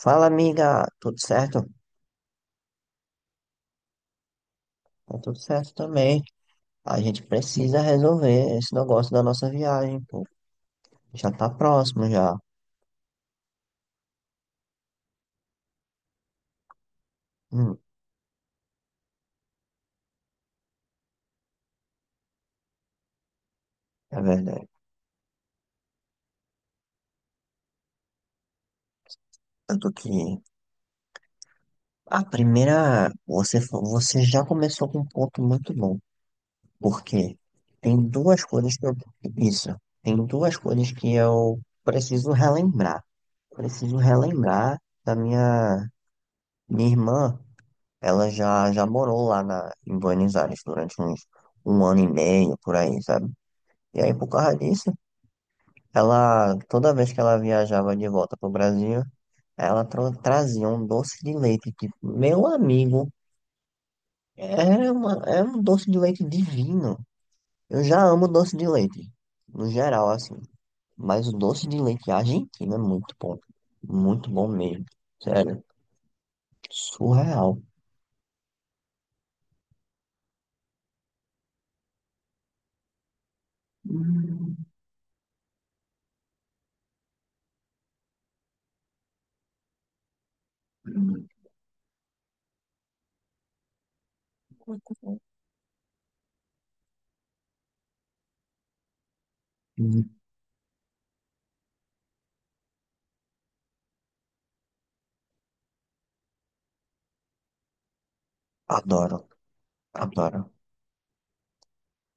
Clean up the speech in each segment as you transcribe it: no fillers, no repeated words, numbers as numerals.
Fala, amiga, tudo certo? Tá tudo certo também. A gente precisa resolver esse negócio da nossa viagem, pô. Já tá próximo já. Hum, é verdade. Eu tô aqui. A primeira, você, você já começou com um ponto muito bom, porque tem duas coisas que isso, tem duas coisas que eu preciso relembrar. Preciso relembrar da minha irmã. Ela já morou em Buenos Aires durante uns um ano e meio, por aí, sabe? E aí, por causa disso, ela, toda vez que ela viajava de volta pro Brasil, ela trazia um doce de leite, que, meu amigo, era um doce de leite divino. Eu já amo doce de leite, no geral, assim. Mas o doce de leite argentino é muito bom. Muito bom mesmo. Sério, surreal. Adoro. Adoro.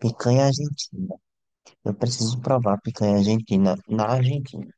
Picanha argentina. Eu preciso provar picanha argentina na Argentina.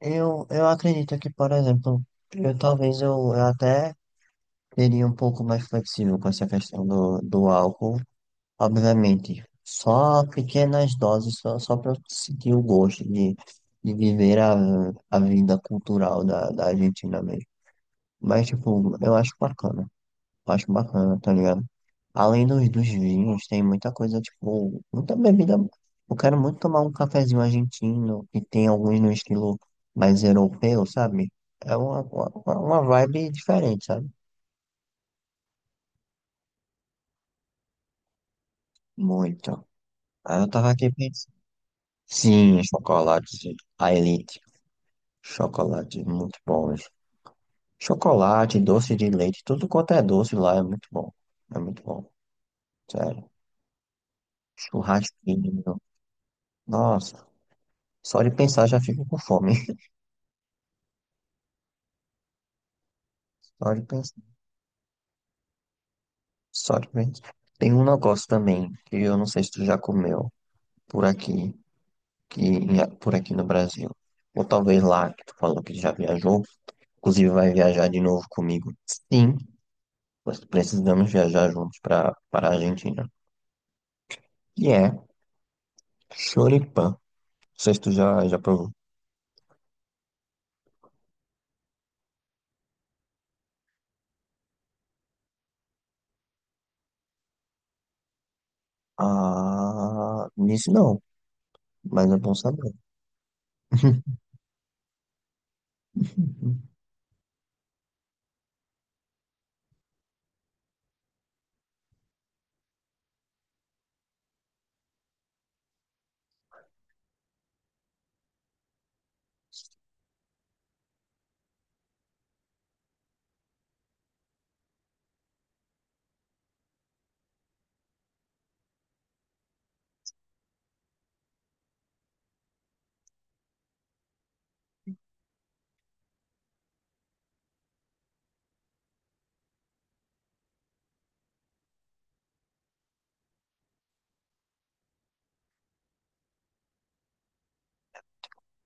Eu acredito que, por exemplo, eu talvez eu até seria um pouco mais flexível com essa questão do álcool. Obviamente, só pequenas doses, só para sentir o gosto de viver a vida cultural da Argentina mesmo. Mas, tipo, eu acho bacana. Acho bacana, tá ligado? Além dos vinhos, tem muita coisa, tipo, muita bebida. Eu quero muito tomar um cafezinho argentino, e tem alguns no estilo mais europeu, sabe? É uma vibe diferente, sabe? Muito. Aí eu tava aqui pensando. Sim, chocolate, sim. A Elite. Chocolate, muito bom. Chocolate, doce de leite, tudo quanto é doce lá é muito bom. É muito bom, sério. Churrasquinho. Nossa, só de pensar já fico com fome. Só de pensar. Só de pensar. Tem um negócio também, que eu não sei se tu já comeu por aqui, que, por aqui no Brasil. Ou talvez lá, que tu falou que já viajou. Inclusive vai viajar de novo comigo. Sim, nós precisamos viajar juntos para a Argentina. E é choripã. Não sei se tu já provou. Ah, nisso não, mas é bom saber.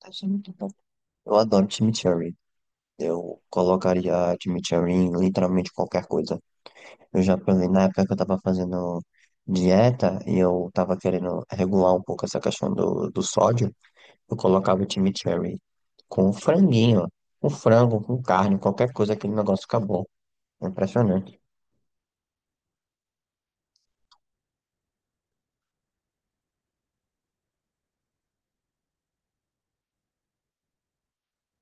Deve muito bom. Eu adoro chimichurri. Eu colocaria chimichurri em literalmente qualquer coisa. Eu já provei na época que eu tava fazendo dieta e eu tava querendo regular um pouco essa questão do sódio, eu colocava o chimichurri com um franguinho, com frango, com carne, qualquer coisa, aquele negócio acabou. É impressionante.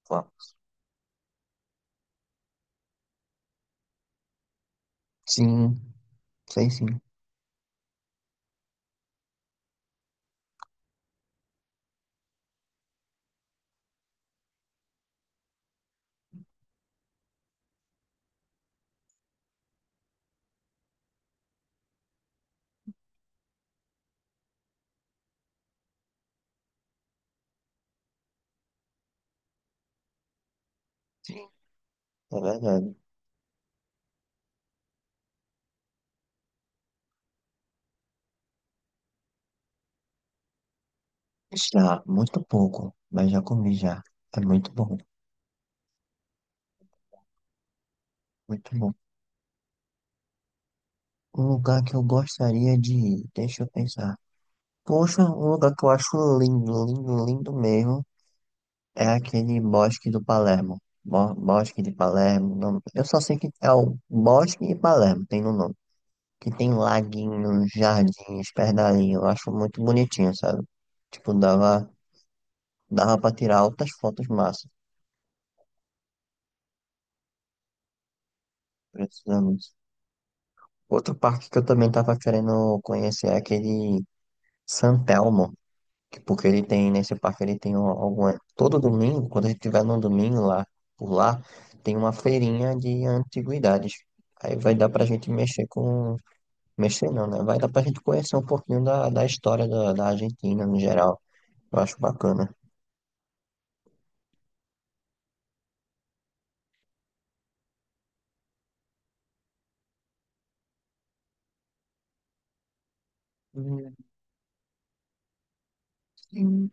Ó, sim, sei sim, é verdade. Já, muito pouco, mas já comi já. É muito bom, muito bom. Um lugar que eu gostaria de ir, deixa eu pensar. Poxa, um lugar que eu acho lindo, lindo, lindo mesmo. É aquele bosque do Palermo. Bosque de Palermo. Eu só sei que é o Bosque de Palermo, tem no nome. Que tem laguinhos, jardins, pedalinho. Eu acho muito bonitinho, sabe? Tipo, dava pra tirar altas fotos massas. Precisamos. Outro parque que eu também tava querendo conhecer é aquele San Telmo. Porque ele tem, nesse parque, ele tem alguma. Todo domingo, quando a gente tiver num domingo lá, por lá, tem uma feirinha de antiguidades. Aí vai dar pra gente mexer com. Mexer não, né? Vai dar pra gente conhecer um pouquinho da história da Argentina no geral. Eu acho bacana. Hum, sim.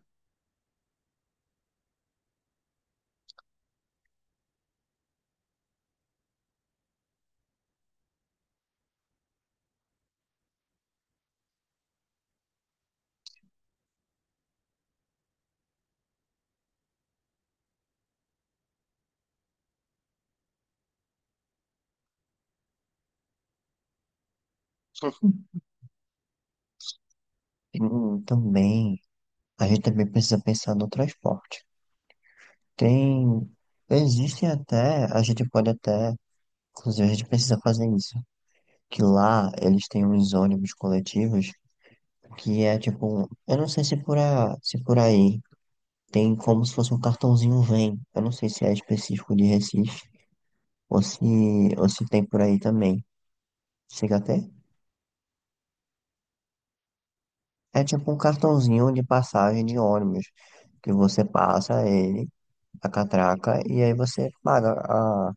Também, a gente também precisa pensar no transporte. Tem, existem até, a gente pode até, inclusive a gente precisa fazer isso, que lá eles têm uns ônibus coletivos que é tipo, eu não sei se se por aí tem como se fosse um cartãozinho Vem. Eu não sei se é específico de Recife ou se, ou se tem por aí também. Chega até? É tipo um cartãozinho de passagem de ônibus que você passa ele, a catraca, e aí você paga a.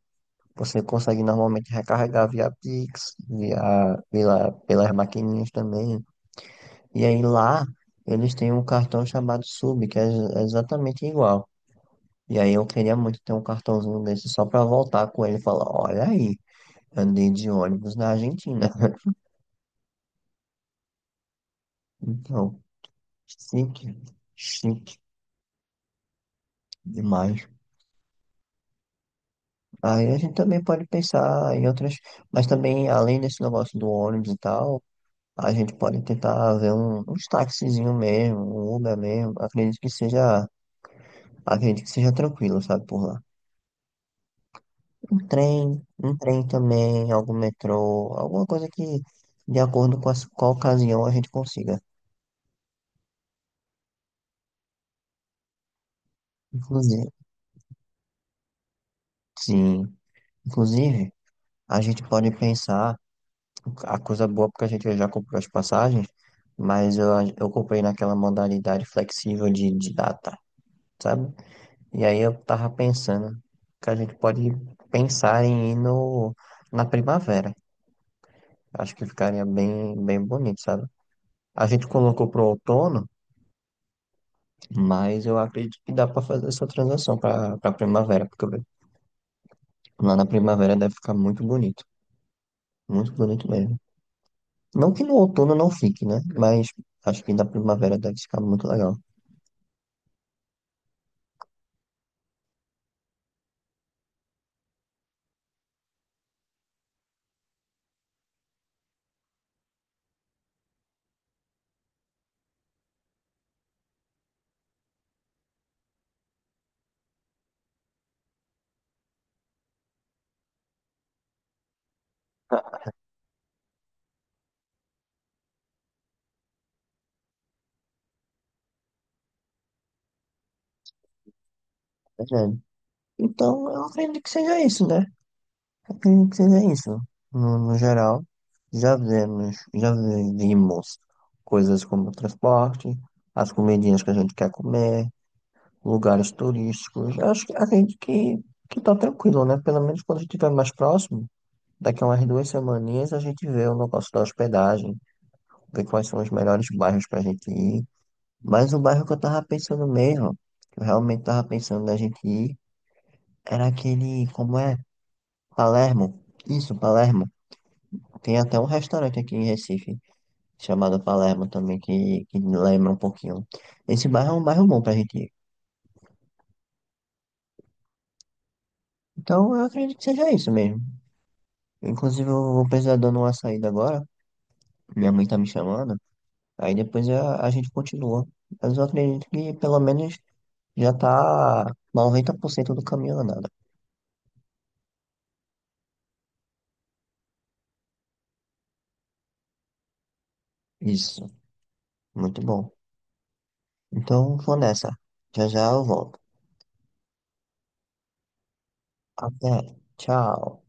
Você consegue normalmente recarregar via Pix, pelas maquininhas também. E aí lá eles têm um cartão chamado Sub, que é é exatamente igual. E aí eu queria muito ter um cartãozinho desse só pra voltar com ele e falar, olha aí, andei de ônibus na Argentina. Então, chique, chique demais. Aí a gente também pode pensar em outras, mas também além desse negócio do ônibus e tal, a gente pode tentar ver uns taxizinho mesmo, um Uber mesmo. Acredito que seja tranquilo, sabe, por lá. Um trem também, algum metrô, alguma coisa que de acordo com a ocasião a gente consiga. Inclusive, sim. Inclusive, a gente pode pensar, a coisa boa, porque a gente já comprou as passagens, mas eu comprei naquela modalidade flexível de data, sabe? E aí eu tava pensando que a gente pode pensar em ir no, na primavera. Acho que ficaria bem, bem bonito, sabe? A gente colocou pro outono, mas eu acredito que dá para fazer essa transação para primavera, porque lá na primavera deve ficar muito bonito. Muito bonito mesmo. Não que no outono não fique, né? Mas acho que na primavera deve ficar muito legal. É verdade. Então, eu acredito que seja isso, né? Eu acredito que seja isso. No geral, já vimos coisas como transporte, as comidinhas que a gente quer comer, lugares turísticos. Eu acho que acredito que tá tranquilo, né? Pelo menos quando a gente estiver mais próximo, daqui a umas duas semaninhas a gente vê o negócio da hospedagem, vê quais são os melhores bairros pra gente ir. Mas o bairro que eu tava pensando mesmo, que eu realmente tava pensando da gente ir, era aquele, como é? Palermo. Isso, Palermo. Tem até um restaurante aqui em Recife, chamado Palermo também, que lembra um pouquinho. Esse bairro é um bairro bom pra gente ir. Então eu acredito que seja isso mesmo. Inclusive eu vou precisar dando uma saída agora, minha mãe tá me chamando, aí depois a gente continua. Mas eu acredito que pelo menos já tá 90% do caminho andado. Isso, muito bom. Então vou nessa. Já já eu volto. Até. Tchau.